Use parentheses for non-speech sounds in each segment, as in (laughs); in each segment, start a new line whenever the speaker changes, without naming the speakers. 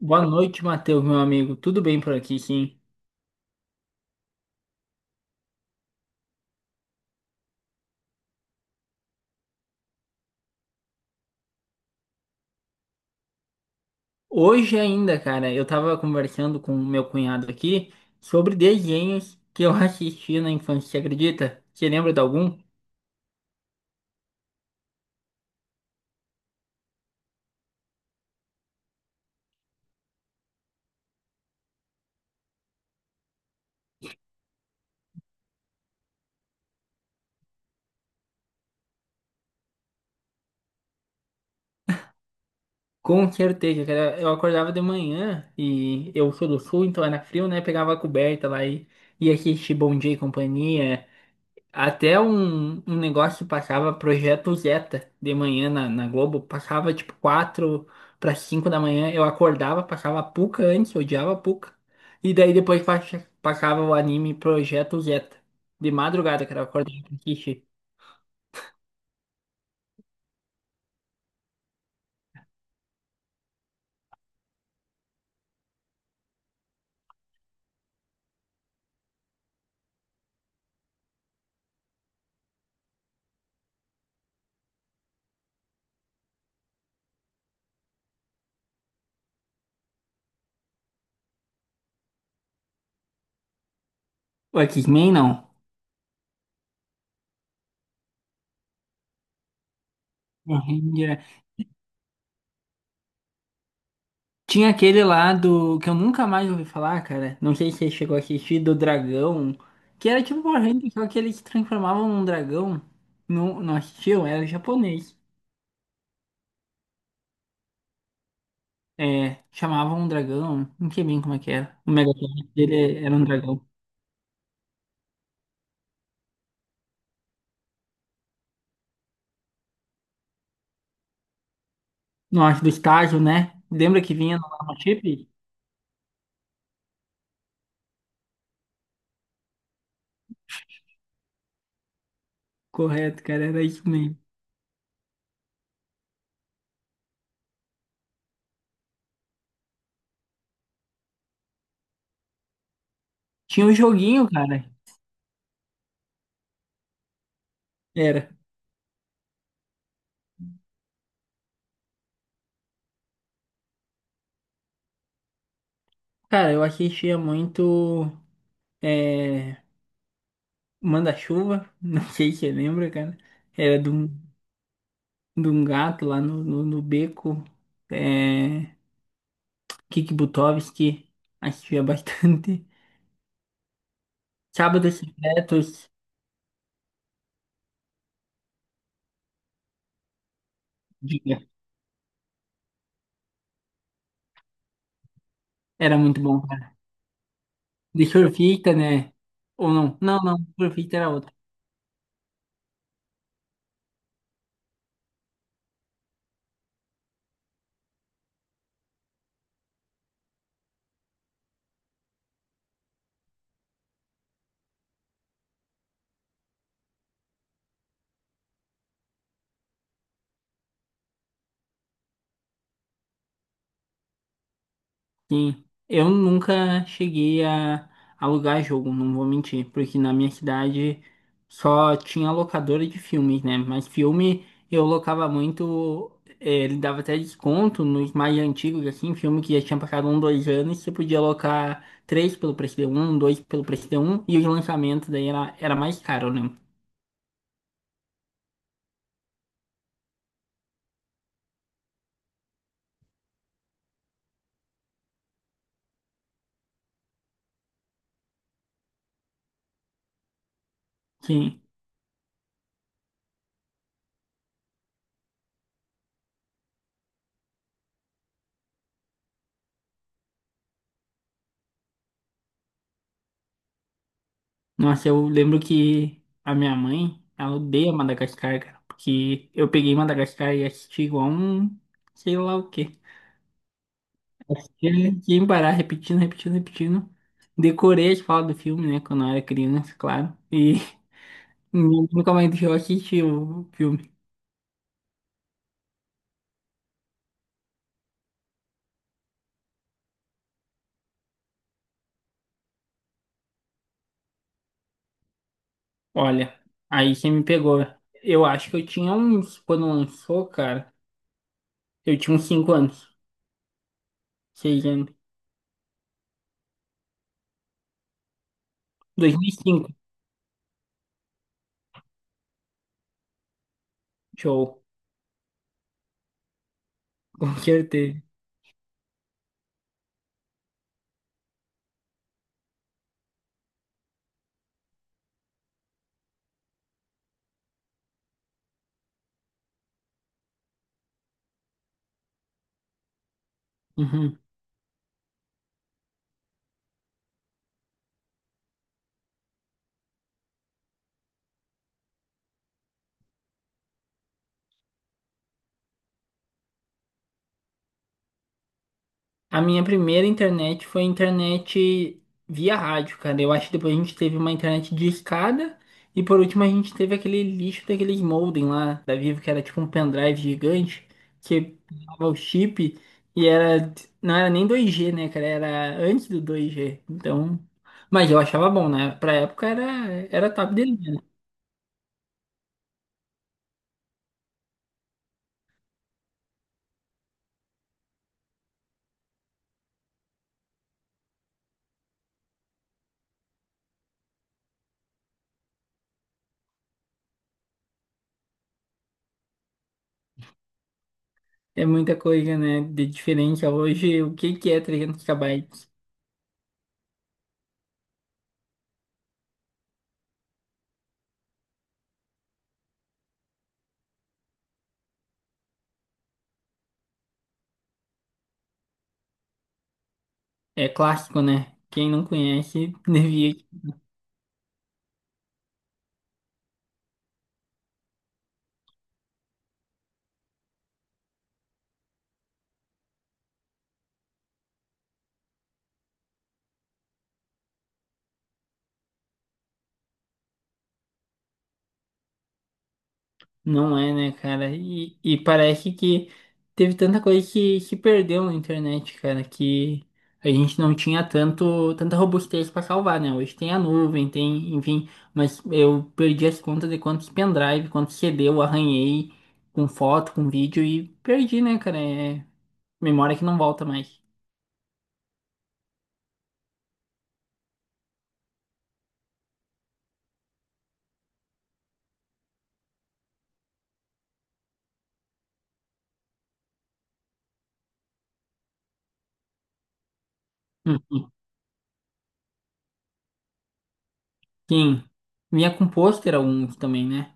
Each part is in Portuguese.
Boa noite, Matheus, meu amigo. Tudo bem por aqui, sim? Hoje ainda, cara, eu tava conversando com o meu cunhado aqui sobre desenhos que eu (laughs) assisti na infância, você acredita? Você lembra de algum? Com certeza, cara. Eu acordava de manhã e eu sou do sul, então era frio, né? Pegava a coberta lá e ia assistir Bom Dia e Companhia. Até um negócio que passava Projeto Zeta de manhã na Globo, passava tipo 4 para 5 da manhã, eu acordava, passava a Puca antes, eu odiava a Puca. E daí depois passava o anime Projeto Zeta, de madrugada, que era acordar pra assistir. O X-Men não. O Ranger- Tinha aquele lá do que eu nunca mais ouvi falar, cara. Não sei se você chegou a assistir, do dragão, que era tipo o Ranger, só que eles se transformavam num dragão. Não, não assistiu? Era japonês. É, chamavam um dragão, não sei bem como é que era. O Megatron dele era um dragão. Nossa, do estágio, né? Lembra que vinha no Lava Chip? Correto, cara, era isso mesmo. Tinha um joguinho, cara. Era. Cara, eu assistia muito é, Manda-Chuva, (laughs) não sei se você lembra, cara. Era de um gato lá no beco. É, Kiki Butovski, assistia bastante. Sábados Secretos, diga. Era muito bom. De Surfita, né? Ou não? Não, não, Surfita era outra. Sim. Eu nunca cheguei a alugar jogo, não vou mentir, porque na minha cidade só tinha locadora de filmes, né? Mas filme eu locava muito, ele dava até desconto nos mais antigos, assim, filme que já tinha passado um, dois anos, você podia alocar três pelo preço de um, dois pelo preço de um, e os lançamentos daí era mais caro, né? Nossa, eu lembro que a minha mãe, ela odeia Madagascar, cara, porque eu peguei Madagascar e assisti igual um, sei lá o quê. Assisti sem parar, repetindo, repetindo, repetindo. Decorei as falas do filme, né, quando eu era criança, claro. E (laughs) nunca mais deixou eu assistir o filme. Olha, aí você me pegou. Eu acho que eu tinha uns, quando lançou, cara, eu tinha uns 5 anos, 6 anos. 2005, show, (laughs) com certeza. Uhum. A minha primeira internet foi internet via rádio, cara. Eu acho que depois a gente teve uma internet de escada e por último a gente teve aquele lixo daqueles modem lá da Vivo que era tipo um pendrive gigante que dava o chip e era não era nem 2G, né, cara? Era antes do 2G. Então, mas eu achava bom, né? Pra época era top de linha, né? É muita coisa, né, de diferente a hoje. O que que é 300 gigabytes? É clássico, né? Quem não conhece (laughs) devia. Não é, né, cara? E parece que teve tanta coisa que se perdeu na internet, cara, que a gente não tinha tanto, tanta robustez pra salvar, né? Hoje tem a nuvem, tem, enfim, mas eu perdi as contas de quantos pendrive, quantos CD eu arranhei com foto, com vídeo e perdi, né, cara? É memória que não volta mais. E quem vinha com pôster alguns também, né?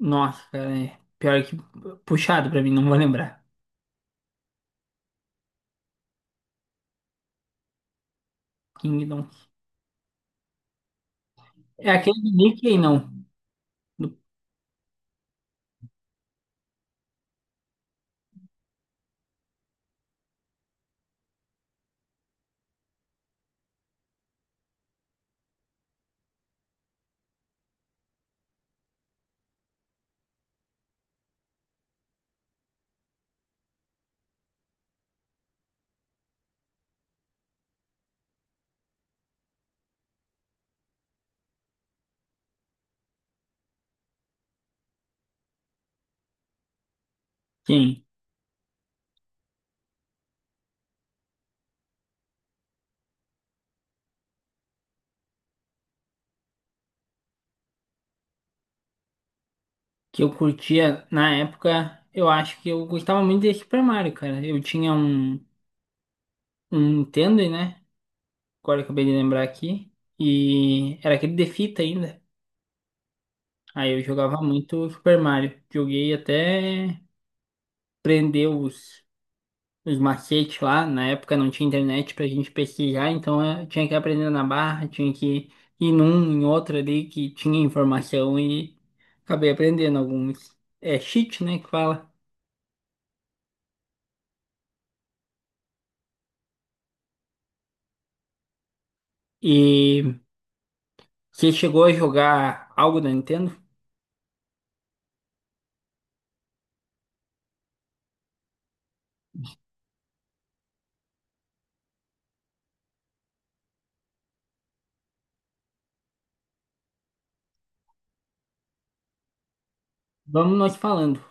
Nossa, cara, é pior que puxado pra mim, não vou lembrar. Kingdom. É aquele do Mickey, não. Do quem? Que eu curtia na época, eu acho que eu gostava muito de Super Mario, cara. Eu tinha um Nintendo, né? Agora eu acabei de lembrar aqui. E era aquele de fita ainda. Aí eu jogava muito Super Mario. Joguei até prender os macetes lá. Na época não tinha internet pra gente pesquisar, então eu tinha que aprender na barra, tinha que ir num, em outro ali que tinha informação e acabei aprendendo alguns. É cheat, né, que fala. E você chegou a jogar algo da Nintendo? Vamos nós falando.